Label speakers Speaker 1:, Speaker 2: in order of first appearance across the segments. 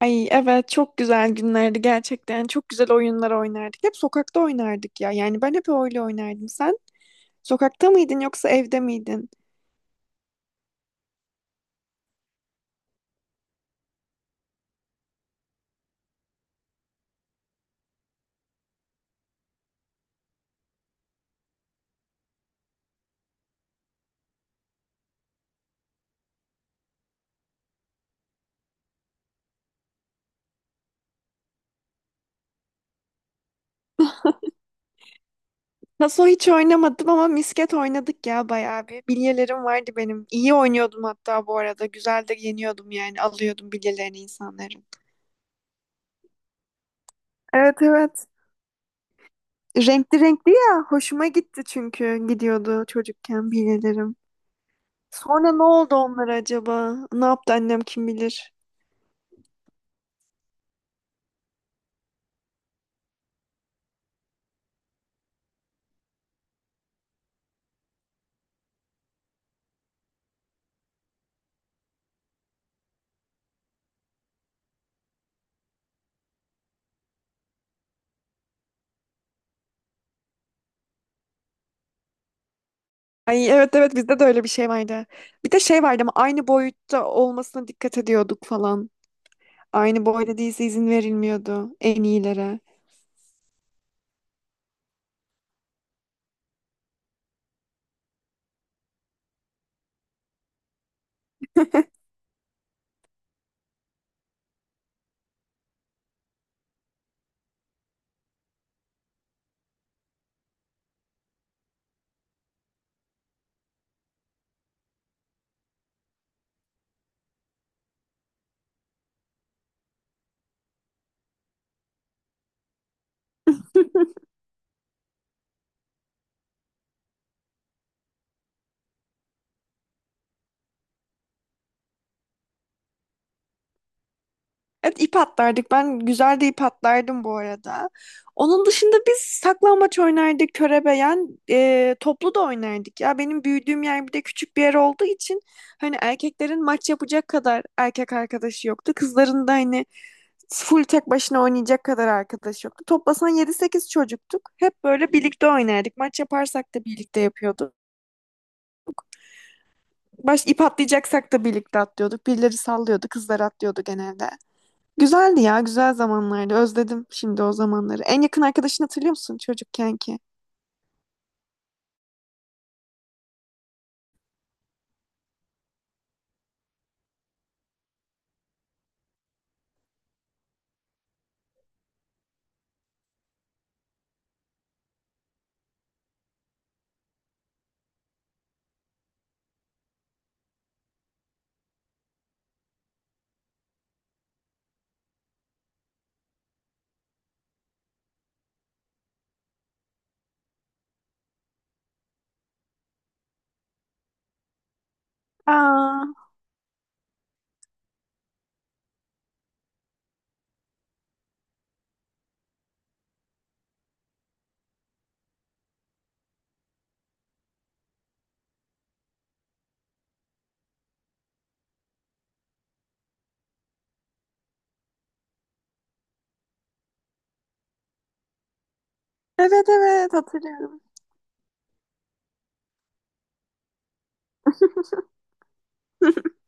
Speaker 1: Ay evet çok güzel günlerdi gerçekten. Çok güzel oyunlar oynardık. Hep sokakta oynardık ya. Yani ben hep öyle oynardım. Sen sokakta mıydın yoksa evde miydin? Taso hiç oynamadım ama misket oynadık ya bayağı bir. Bilyelerim vardı benim. İyi oynuyordum hatta bu arada. Güzel de yeniyordum yani. Alıyordum bilyelerini insanların. Evet evet. Renkli renkli ya. Hoşuma gitti çünkü gidiyordu çocukken bilyelerim. Sonra ne oldu onlar acaba? Ne yaptı annem kim bilir? Ay evet evet bizde de öyle bir şey vardı. Bir de şey vardı ama aynı boyutta olmasına dikkat ediyorduk falan. Aynı boyda değilse izin verilmiyordu en iyilere. Evet ip atlardık. Ben güzel de ip atlardım bu arada. Onun dışında biz saklambaç oynardık, körebeyen, toplu da oynardık. Ya benim büyüdüğüm yer bir de küçük bir yer olduğu için hani erkeklerin maç yapacak kadar erkek arkadaşı yoktu. Kızların da hani full tek başına oynayacak kadar arkadaş yoktu. Toplasan yedi sekiz çocuktuk. Hep böyle birlikte oynardık. Maç yaparsak da birlikte yapıyorduk. Baş ip atlayacaksak da birlikte atlıyorduk. Birileri sallıyordu, kızlar atlıyordu genelde. Güzeldi ya, güzel zamanlardı. Özledim şimdi o zamanları. En yakın arkadaşını hatırlıyor musun çocukken ki? Aa, evet evet hatırlıyorum.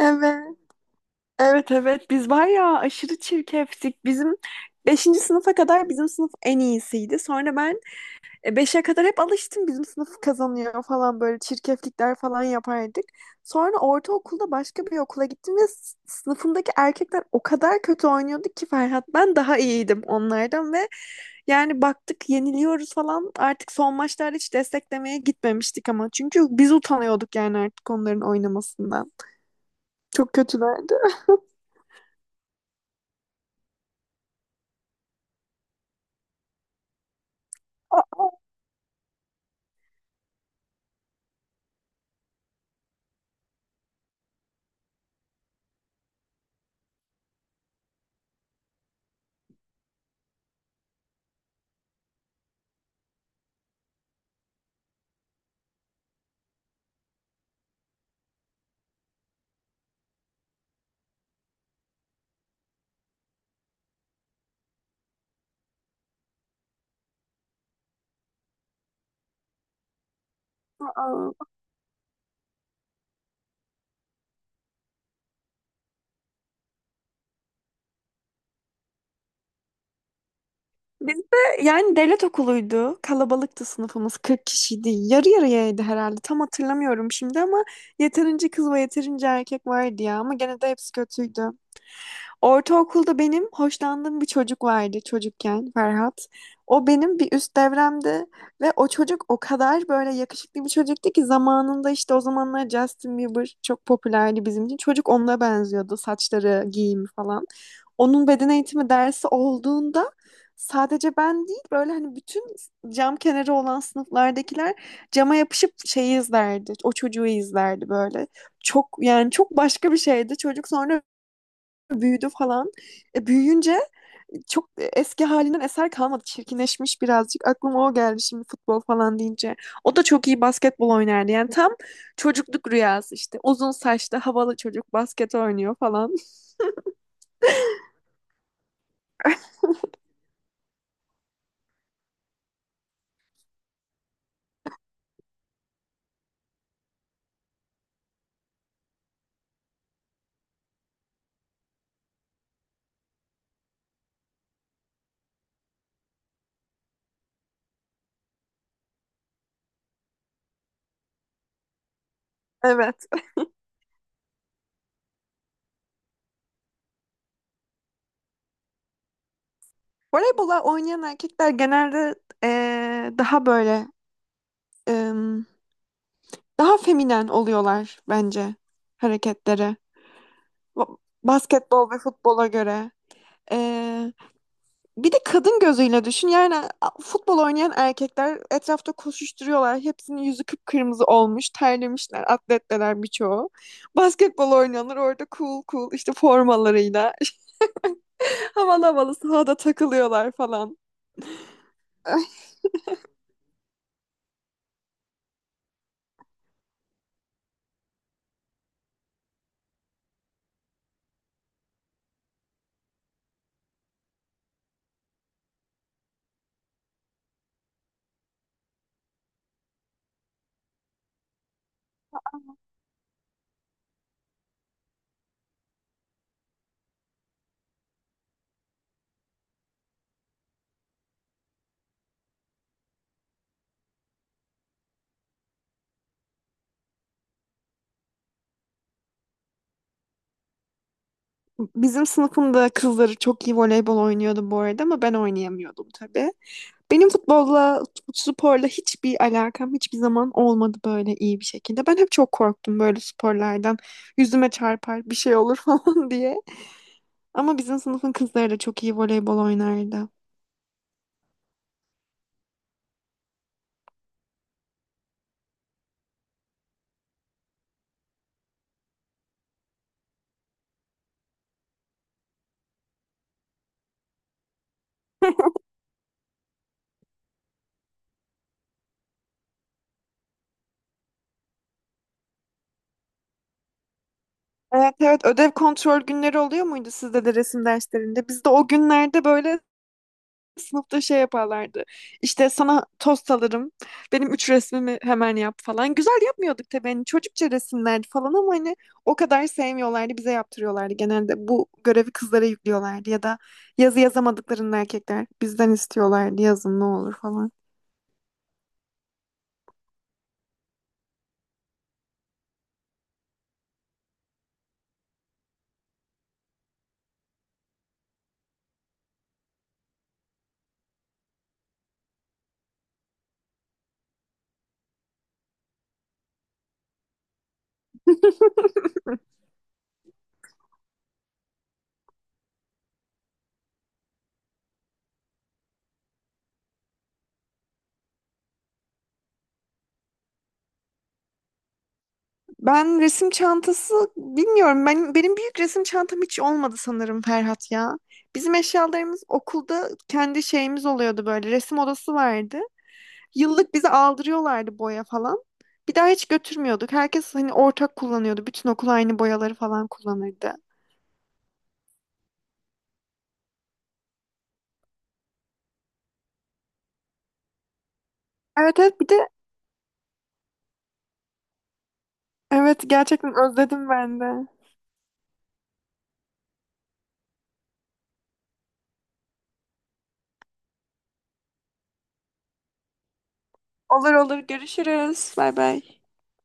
Speaker 1: Evet. Evet evet biz var ya aşırı çirkeftik. Bizim beşinci sınıfa kadar bizim sınıf en iyisiydi. Sonra ben beşe kadar hep alıştım bizim sınıf kazanıyor falan böyle çirkeflikler falan yapardık. Sonra ortaokulda başka bir okula gittim ve sınıfımdaki erkekler o kadar kötü oynuyordu ki Ferhat, ben daha iyiydim onlardan ve yani baktık yeniliyoruz falan. Artık son maçlarda hiç desteklemeye gitmemiştik ama. Çünkü biz utanıyorduk yani artık onların oynamasından. Çok kötülerdi. Aa, aa. Biz de yani devlet okuluydu. Kalabalıktı sınıfımız. 40 kişiydi. Yarı yarıyaydı herhalde. Tam hatırlamıyorum şimdi ama yeterince kız ve yeterince erkek vardı ya. Ama gene de hepsi kötüydü. Ortaokulda benim hoşlandığım bir çocuk vardı çocukken Ferhat. O benim bir üst devremdi ve o çocuk o kadar böyle yakışıklı bir çocuktu ki zamanında işte o zamanlar Justin Bieber çok popülerdi bizim için. Çocuk onunla benziyordu, saçları, giyimi falan. Onun beden eğitimi dersi olduğunda sadece ben değil böyle hani bütün cam kenarı olan sınıflardakiler cama yapışıp şeyi izlerdi. O çocuğu izlerdi böyle. Çok yani çok başka bir şeydi. Çocuk sonra büyüdü falan. Büyüyünce çok eski halinden eser kalmadı. Çirkinleşmiş birazcık. Aklıma o geldi şimdi futbol falan deyince. O da çok iyi basketbol oynardı. Yani tam çocukluk rüyası işte. Uzun saçlı havalı çocuk basket oynuyor falan. Evet. Voleybola oynayan erkekler genelde daha böyle e, daha feminen oluyorlar bence, hareketleri. Ba- Basketbol ve futbola göre. E, Bir de kadın gözüyle düşün. Yani futbol oynayan erkekler etrafta koşuşturuyorlar. Hepsinin yüzü kıpkırmızı olmuş. Terlemişler. Atletteler birçoğu. Basketbol oynayanlar orada cool cool işte formalarıyla. Havalı havalı sahada takılıyorlar falan. Bizim sınıfımda kızları çok iyi voleybol oynuyordu bu arada ama ben oynayamıyordum tabii. Benim futbolla, sporla hiçbir alakam hiçbir zaman olmadı böyle iyi bir şekilde. Ben hep çok korktum böyle sporlardan. Yüzüme çarpar, bir şey olur falan diye. Ama bizim sınıfın kızları da çok iyi voleybol oynardı. Evet evet, ödev kontrol günleri oluyor muydu sizde de resim derslerinde? Bizde o günlerde böyle sınıfta şey yaparlardı. İşte sana tost alırım. Benim üç resmimi hemen yap falan. Güzel yapmıyorduk tabii. Hani çocukça resimlerdi falan ama hani o kadar sevmiyorlardı. Bize yaptırıyorlardı. Genelde bu görevi kızlara yüklüyorlardı. Ya da yazı yazamadıklarında erkekler bizden istiyorlardı. Yazın ne olur falan. Ben resim çantası bilmiyorum. Ben benim büyük resim çantam hiç olmadı sanırım Ferhat ya. Bizim eşyalarımız okulda kendi şeyimiz oluyordu böyle. Resim odası vardı. Yıllık bize aldırıyorlardı boya falan. Bir daha hiç götürmüyorduk. Herkes hani ortak kullanıyordu. Bütün okul aynı boyaları falan kullanırdı. Evet evet, bir de evet gerçekten özledim ben de. Olur olur, görüşürüz. Bay bay.